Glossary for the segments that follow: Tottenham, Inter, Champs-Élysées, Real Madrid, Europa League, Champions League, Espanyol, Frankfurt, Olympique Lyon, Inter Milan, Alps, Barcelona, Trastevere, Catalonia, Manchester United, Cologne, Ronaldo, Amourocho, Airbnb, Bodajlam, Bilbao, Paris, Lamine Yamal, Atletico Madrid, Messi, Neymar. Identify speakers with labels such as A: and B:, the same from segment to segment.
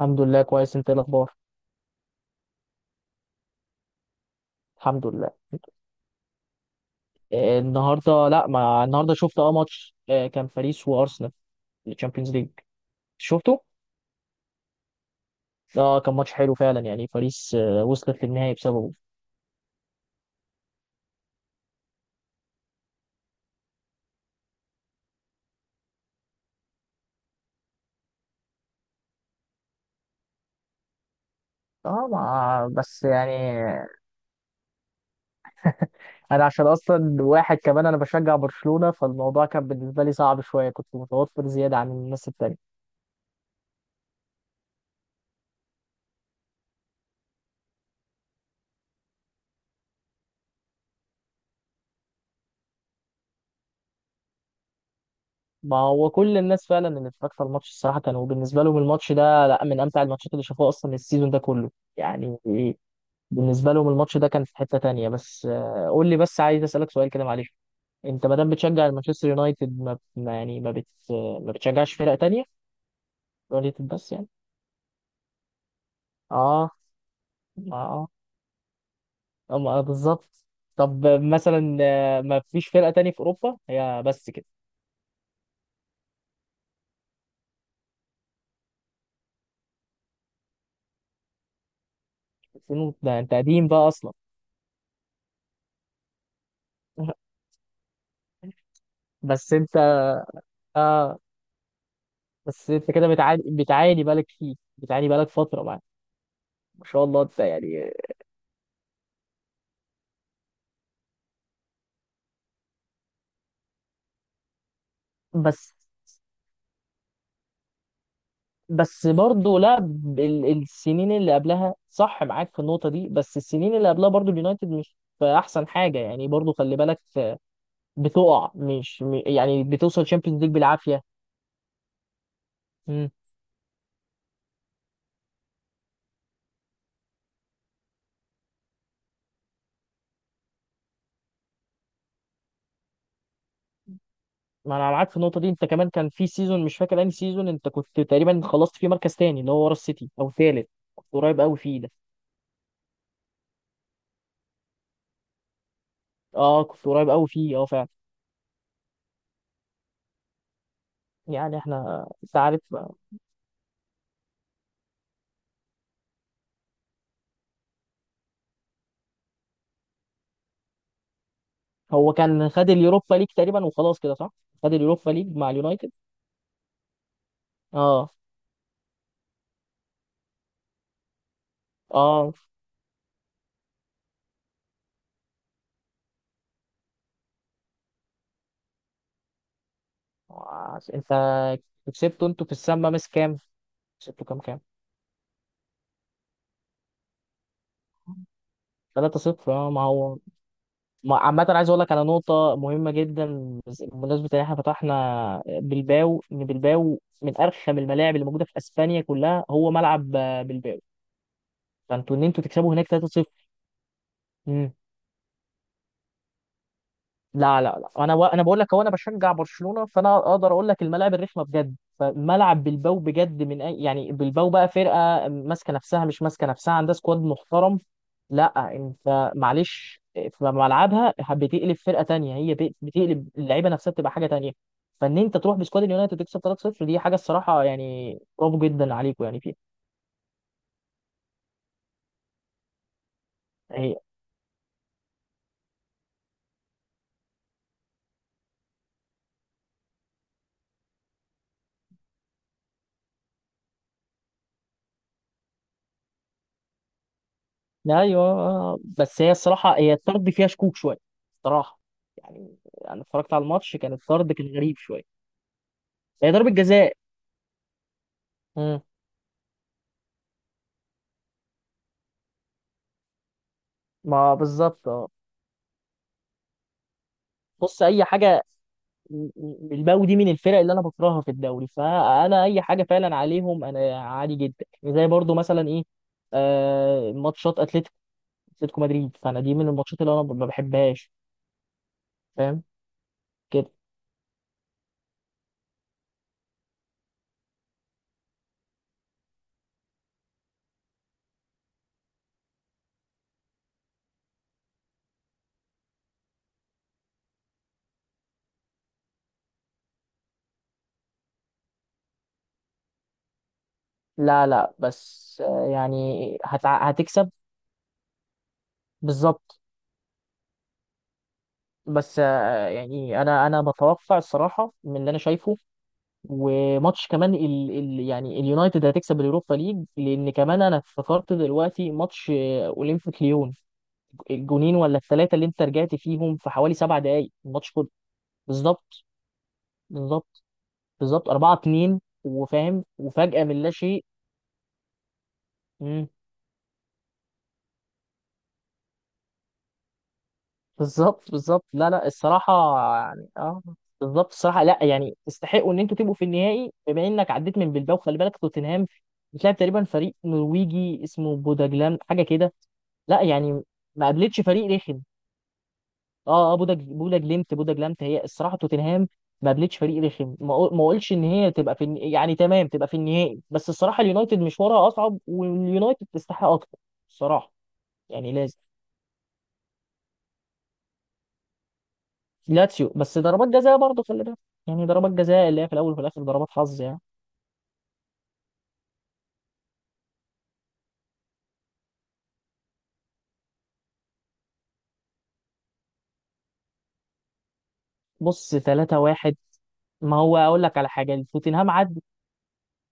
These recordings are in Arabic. A: الحمد لله كويس. انت ايه الاخبار؟ الحمد لله. النهارده، لا، ما النهارده شفت ماتش، كان باريس وارسنال. الشامبيونز ليج. شفته. اه، كان ماتش حلو فعلا. يعني باريس وصلت للنهائي بسببه. اه، ما بس يعني انا، عشان اصلا واحد كمان، انا بشجع برشلونة، فالموضوع كان بالنسبه لي صعب شويه. كنت متوتر زياده عن الناس التانية. ما هو كل الناس فعلا اللي اتفرجت على الماتش الصراحه، كانوا بالنسبه لهم الماتش ده لا، من امتع الماتشات اللي شافوها اصلا السيزون ده كله. يعني بالنسبة لهم الماتش ده كان في حتة تانية. بس قول لي، بس عايز أسألك سؤال كده، معلش. أنت ما دام بتشجع المانشستر يونايتد، ما بتشجعش فرق تانية؟ يونايتد بس يعني؟ آه آه، آه آه بالظبط. طب مثلا ما فيش فرقة تانية في أوروبا؟ هي بس كده؟ 2000، ده أنت قديم بقى أصلا. بس أنت، آه، بس أنت كده بتعاني، بتعاني بقالك فيه بتعاني بقالك فترة معاه. ما شاء الله أنت يعني. بس، بس برضه، لا، السنين اللي قبلها صح، معاك في النقطة دي، بس السنين اللي قبلها برضه اليونايتد مش في أحسن حاجة، يعني برضه خلي بالك. بتقع مش م- يعني بتوصل تشامبيونز ليج بالعافية. مم. ما أنا معاك في النقطة دي. أنت كمان كان في سيزون، مش فاكر أنهي سيزون، أنت كنت تقريبا خلصت فيه مركز تاني، اللي هو ورا السيتي، أو تالت. كنت قريب أوي فيه ده. أه كنت قريب أوي فيه، أه، فعلا. يعني احنا، انت عارف، هو كان خد اليوروبا ليج تقريبا وخلاص كده، صح؟ خد اليوروبا ليج مع اليونايتد. اه، اه. انت كسبته انتوا في السما مس كام؟ كسبته كام؟ 3 صفر. اه، ما هو. عامة عايز اقول لك على نقطة مهمة جدا، بمناسبة ان احنا فتحنا بلباو، ان بلباو من ارخم الملاعب اللي موجودة في اسبانيا كلها. هو ملعب بلباو، فانتوا ان انتوا تكسبوا هناك 3 صفر، لا، انا بقول لك، هو انا بشجع برشلونه، فانا اقدر اقول لك الملاعب الرخمه بجد. فملعب بلباو بجد من يعني بلباو بقى فرقه ماسكه نفسها، مش ماسكه نفسها، عندها سكواد محترم. لا انت معلش، في ملعبها بتقلب فرقه تانية، هي بتقلب اللعيبه نفسها بتبقى حاجه تانية. فان انت تروح بسكواد اليونايتد تكسب 3-0، دي حاجه الصراحه، يعني برافو جدا عليكم يعني فيها. يعني ايوه، بس هي الصراحه، هي الطرد فيها شكوك شويه الصراحه. يعني انا اتفرجت على الماتش، كان الطرد كان غريب شويه. هي ضربه جزاء. امم ما بالظبط، اه. بص، اي حاجه، بالباو دي من الفرق اللي انا بكرهها في الدوري، فانا اي حاجه فعلا عليهم انا عادي جدا. يعني زي برضو مثلا ايه، آه، ماتشات اتلتيكو، اتلتيكو مدريد، فانا دي من الماتشات اللي انا ما بحبهاش، فاهم كده. لا لا، بس آه يعني هتكسب بالظبط. بس يعني انا انا بتوقع الصراحه من اللي انا شايفه. وماتش كمان ال ال يعني اليونايتد هتكسب اليوروبا ليج، لان كمان انا افتكرت دلوقتي ماتش اولمبيك ليون. الجونين ولا الثلاثه اللي انت رجعت فيهم في حوالي 7 دقائق، الماتش كله. بالظبط، بالظبط، بالظبط 4-2، وفاهم وفجاه من لا شيء. إمم. بالظبط، بالظبط، لا لا الصراحة. يعني اه، بالظبط الصراحة. لا يعني تستحقوا ان انتوا تبقوا في النهائي بما انك عديت من بلباو. خلي بالك توتنهام بتلعب تقريبا فريق نرويجي اسمه بوداجلام، حاجة كده. لا يعني ما قابلتش فريق رخم. اه اه، بوداج، بوداجلمت، بوداجلمت، هي الصراحة توتنهام ما قابلتش فريق رخم. ما اقولش ان هي تبقى يعني تمام تبقى في النهائي، بس الصراحة اليونايتد مشوارها اصعب، واليونايتد تستحق اكتر الصراحة. يعني لازم، لاتسيو بس ضربات جزاء برضه خلي بالك. يعني ضربات جزاء اللي هي في الاول وفي الاخر ضربات حظ يعني. بص 3-1. ما هو اقول لك على حاجه، توتنهام عدي،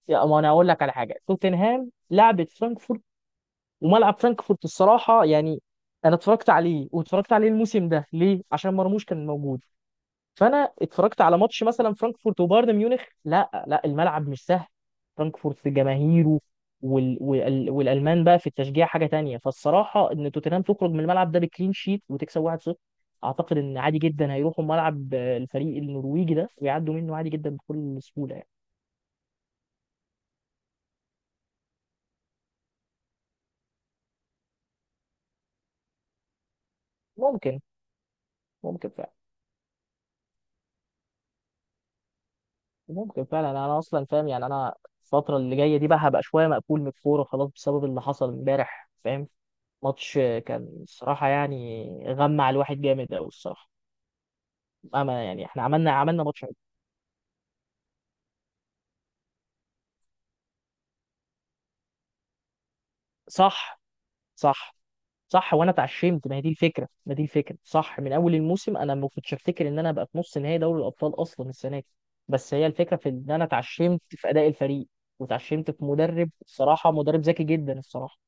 A: ما انا اقول لك على حاجه، توتنهام لعبت فرانكفورت، وملعب فرانكفورت الصراحه يعني، انا اتفرجت عليه واتفرجت عليه الموسم ده، ليه؟ عشان مرموش كان موجود، فانا اتفرجت على ماتش مثلا فرانكفورت وبايرن ميونخ. لا لا، الملعب مش سهل. فرانكفورت في جماهيره والالمان بقى في التشجيع حاجه تانية. فالصراحه ان توتنهام تخرج من الملعب ده بكلين شيت وتكسب 1-0، اعتقد ان عادي جدا هيروحوا ملعب الفريق النرويجي ده، ويعدوا منه عادي جدا بكل سهوله يعني. ممكن. ممكن فعلا. ممكن فعلا، انا اصلا فاهم يعني. انا الفتره اللي جايه دي بقى هبقى شويه مقفول من الكوره خلاص، بسبب اللي حصل امبارح، فاهم. ماتش كان الصراحه يعني غمع الواحد جامد قوي الصراحه. اما يعني احنا عملنا، عملنا ماتش حلو. صح. صح. صح، وانا اتعشمت. ما هي دي الفكره، ما دي الفكره صح، من اول الموسم انا ما كنتش افتكر ان انا ابقى في نص نهائي دوري الابطال اصلا السنه دي. بس هي الفكره في ان انا اتعشمت في اداء الفريق، واتعشمت في مدرب الصراحه، مدرب ذكي جدا الصراحه.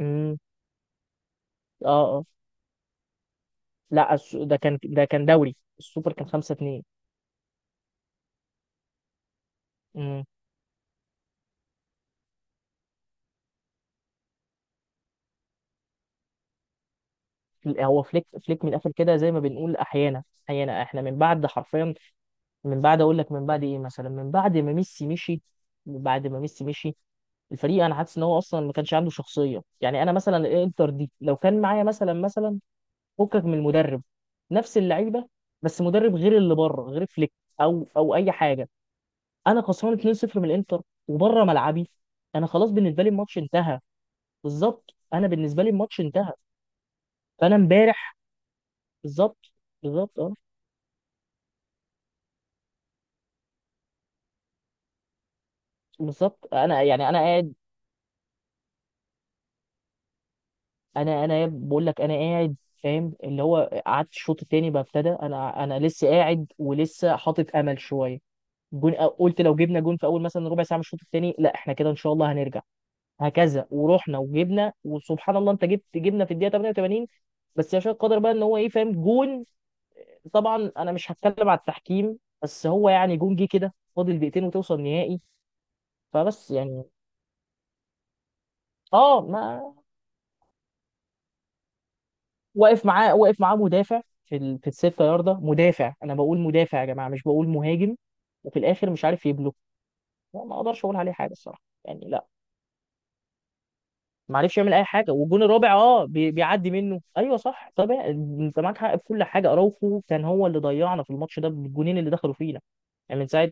A: امم. اه اه. لا ده كان، ده كان دوري السوبر، كان 5-2. امم. هو فليك، من الاخر كده زي ما بنقول، احيانا احنا من بعد حرفيا، من بعد اقول لك من بعد ايه مثلا، من بعد ما ميسي مشي. من بعد ما ميسي مشي الفريق انا حاسس ان هو اصلا ما كانش عنده شخصيه. يعني انا مثلا الانتر دي لو كان معايا مثلا، فكك من المدرب، نفس اللعيبه، بس مدرب غير اللي بره، غير فليك، او اي حاجه، انا خسران 2-0 من الانتر وبره ملعبي، انا خلاص بالنسبه لي الماتش انتهى. بالظبط، انا بالنسبه لي الماتش انتهى. فانا امبارح، بالظبط، بالظبط اه، بالظبط، انا يعني انا قاعد، انا بقول لك انا قاعد فاهم، اللي هو قعدت الشوط التاني بقى ابتدى، انا انا لسه قاعد ولسه حاطط امل شويه. قلت لو جبنا جون في اول مثلا ربع ساعه من الشوط التاني، لا احنا كده ان شاء الله هنرجع. هكذا ورحنا وجبنا وسبحان الله، انت جبت، جبنا في الدقيقه 88. بس يشاء القدر بقى ان هو ايه، فاهم، جون. طبعا انا مش هتكلم على التحكيم، بس هو يعني جون جه كده فاضل دقيقتين وتوصل نهائي. فبس يعني اه ما. واقف معاه، واقف معاه مدافع في الستة ياردة، مدافع. انا بقول مدافع يا جماعه، مش بقول مهاجم. وفي الاخر مش عارف يبلوك. لا، ما اقدرش اقول عليه حاجه الصراحه، يعني لا. ما عرفش يعمل اي حاجه. والجون الرابع اه، بيعدي منه، ايوه صح طبعا. انت معاك حق في كل حاجه، اراوخو كان هو اللي ضيعنا في الماتش ده بالجونين اللي دخلوا فينا. يعني من ساعه،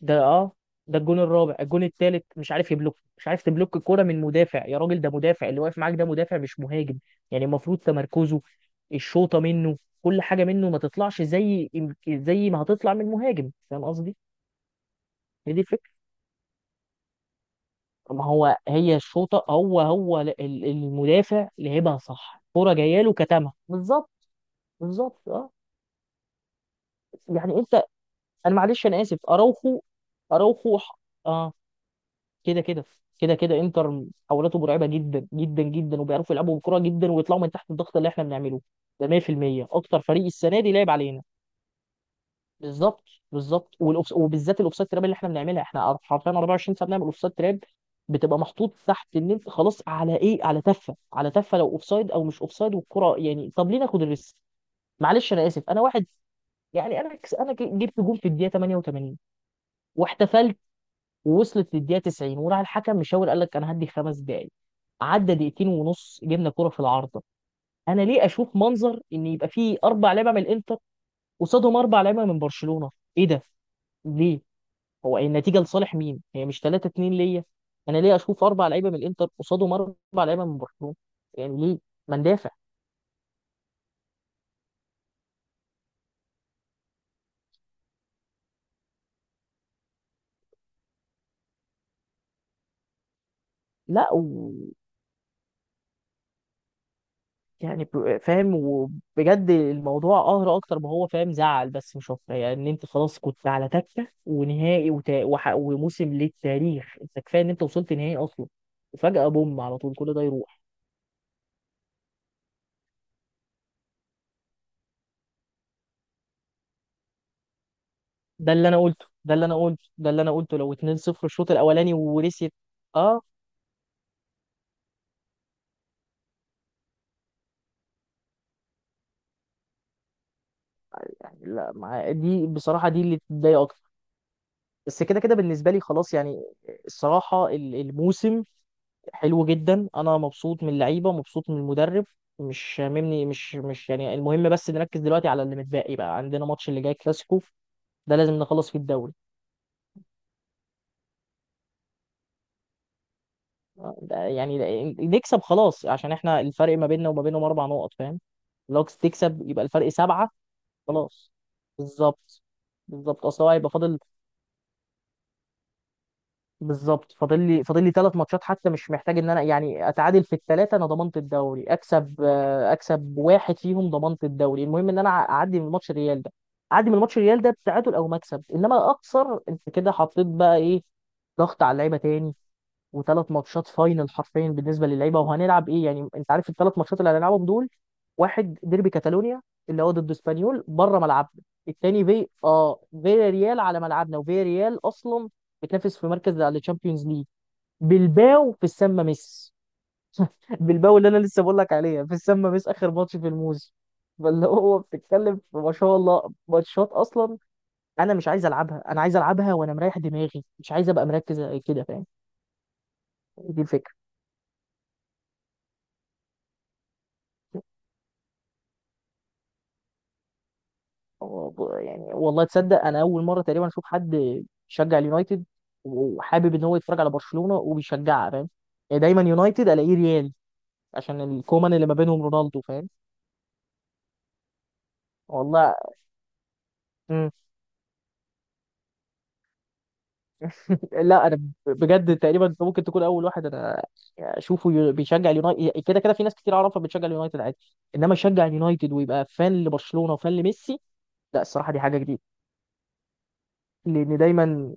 A: ده اه، ده الجون الرابع. الجون الثالث مش عارف يبلوك، مش عارف تبلوك الكوره من مدافع يا راجل! ده مدافع اللي واقف معاك، ده مدافع مش مهاجم. يعني المفروض تمركزه، الشوطه منه، كل حاجه منه ما تطلعش زي، زي ما هتطلع من مهاجم، فاهم قصدي. هي دي الفكره. ما هو هي الشوطه، هو هو المدافع لعبها صح، كوره جايه له كتمها بالظبط. بالظبط اه. يعني انت، انا معلش، انا اسف اراوخو. اراوخو اه، كده كده، كده كده. انتر محاولاته مرعبه جدا جدا جدا، وبيعرفوا يلعبوا بكره جدا ويطلعوا من تحت الضغط اللي احنا بنعمله. ده 100% اكتر فريق السنه دي لعب علينا. بالظبط. بالظبط، وبالذات الاوفسايد تراب اللي احنا بنعملها، احنا حرفيا 24 ساعه بنعمل اوفسايد تراب. بتبقى محطوط تحت ان انت خلاص على ايه، على تفه، على تفه لو اوفسايد او مش اوفسايد. والكره يعني طب ليه ناخد الريسك. معلش انا اسف، انا واحد يعني، انا انا جبت جول في الدقيقه 88 واحتفلت ووصلت للدقيقه 90، وراح الحكم مشاور قال لك انا هدي 5 دقائق. عدى دقيقتين ونص جبنا كرة في العارضة. انا ليه اشوف منظر ان يبقى فيه اربع لعيبه من الانتر قصادهم اربع لعيبه من برشلونة؟ ايه ده؟ ليه؟ هو النتيجه لصالح مين؟ هي مش 3-2 ليا؟ انا ليه اشوف اربع لعيبه من الانتر قصادهم اربع لعيبه من برشلونة؟ يعني ليه؟ ما ندافع! لا يعني فاهم، وبجد الموضوع قهر اكتر ما هو فاهم، زعل بس مش اكتر. يعني ان انت خلاص كنت على تكه ونهائي وموسم للتاريخ، انت كفايه ان انت وصلت نهائي اصلا. وفجاه بوم على طول كل ده يروح. ده اللي انا قلته لو 2-0، الشوط الاولاني ورثت اه. يعني لا دي بصراحه دي اللي تضايق اكتر. بس كده كده بالنسبه لي خلاص يعني. الصراحه الموسم حلو جدا. انا مبسوط من اللعيبه، مبسوط من المدرب، مش شاممني، مش مش يعني المهم بس نركز دلوقتي على اللي متبقي بقى. عندنا ماتش اللي جاي كلاسيكو، ده لازم نخلص فيه الدوري. ده يعني نكسب خلاص، عشان احنا الفرق ما بيننا وما بينهم 4 نقط فاهم، لو تكسب يبقى الفرق 7. خلاص. بالظبط. بالظبط، اصل هو هيبقى فاضل، بالظبط، فاضل لي، فاضل لي 3 ماتشات، حتى مش محتاج ان انا يعني اتعادل في الـ3، انا ضمنت الدوري، اكسب اكسب واحد فيهم ضمنت الدوري. المهم ان انا اعدي من ماتش الريال ده، اعدي من ماتش الريال ده بتعادل او مكسب. انما اخسر انت كده حطيت بقى ايه، ضغط على اللعيبه تاني. وثلاث ماتشات فاينل حرفيا بالنسبه للعيبه. وهنلعب ايه يعني انت عارف الـ3 ماتشات اللي هنلعبهم دول؟ واحد ديربي كاتالونيا، اللي هو ضد اسبانيول بره ملعبنا. الثاني في اه فيا ريال على ملعبنا، وفيا ريال اصلا بتنافس في مركز على تشامبيونز ليج. بلباو في السما ميس، بلباو اللي انا لسه بقول لك عليها في السما ميس، اخر ماتش في الموسم. فاللي هو بتتكلم في ما شاء الله ماتشات اصلا، انا مش عايز العبها، انا عايز العبها وانا مريح دماغي، مش عايز ابقى مركز كده، فاهم. دي الفكره. هو يعني والله تصدق، انا اول مره تقريبا اشوف حد يشجع اليونايتد وحابب ان هو يتفرج على برشلونه وبيشجعها، فاهم. يعني دايما يونايتد الاقيه ريال، عشان الكومان اللي ما بينهم رونالدو، فاهم. والله. لا انا بجد تقريبا انت ممكن تكون اول واحد انا اشوفه بيشجع اليونايتد. كده كده في ناس كتير اعرفها بتشجع اليونايتد عادي، انما يشجع اليونايتد ويبقى فان لبرشلونه وفان لميسي، لا الصراحه دي حاجه جديده. لان دايما.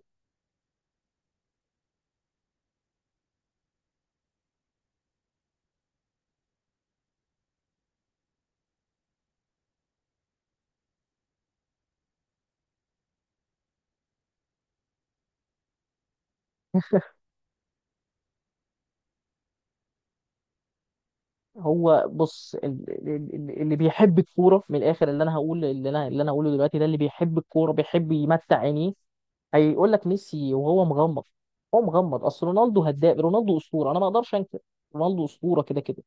A: هو بص، اللي بيحب الكوره من الاخر، اللي انا هقوله دلوقتي، ده اللي بيحب الكوره بيحب يمتع عينيه، هيقول لك ميسي وهو مغمض، هو مغمض. اصل رونالدو هداف، رونالدو اسطوره، انا ما اقدرش انكر. رونالدو اسطوره كده كده.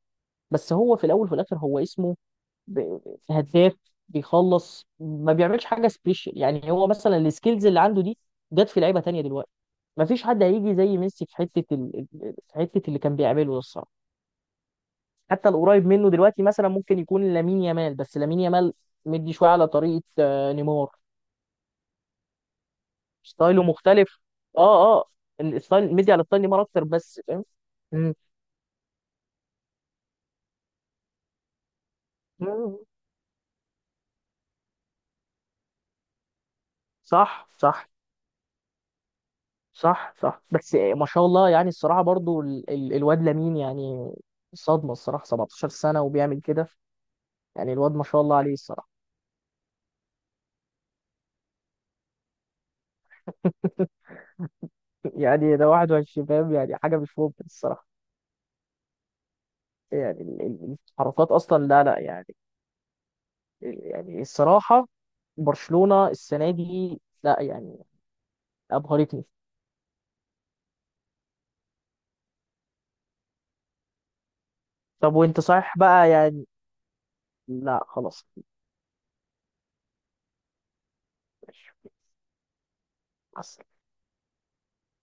A: بس هو في الاول وفي الاخر هو اسمه هداف، بيخلص، ما بيعملش حاجه سبيشال. يعني هو مثلا السكيلز اللي عنده دي جت في لعيبه تانية دلوقتي. ما فيش حد هيجي زي ميسي في حته في حته اللي كان بيعمله ده الصراحه. حتى القريب منه دلوقتي مثلا ممكن يكون لامين يامال، بس لامين يامال مدي شويه على طريقه نيمار. ستايله مختلف، اه اه، الستايل مدي على ستايل نيمار اكتر بس فاهم. مم. مم. صح صح. صح صح، بس ما شاء الله يعني الصراحه برضو الواد لامين يعني صدمه الصراحه، 17 سنه وبيعمل كده، يعني الواد ما شاء الله عليه الصراحه. يعني ده 21 فاهم، يعني حاجه مش ممكن الصراحه. يعني التحركات اصلا لا لا يعني. يعني الصراحه برشلونه السنه دي لا يعني، ابهرتني. طب وانت صحيح بقى يعني؟ لا خلاص. ماشي.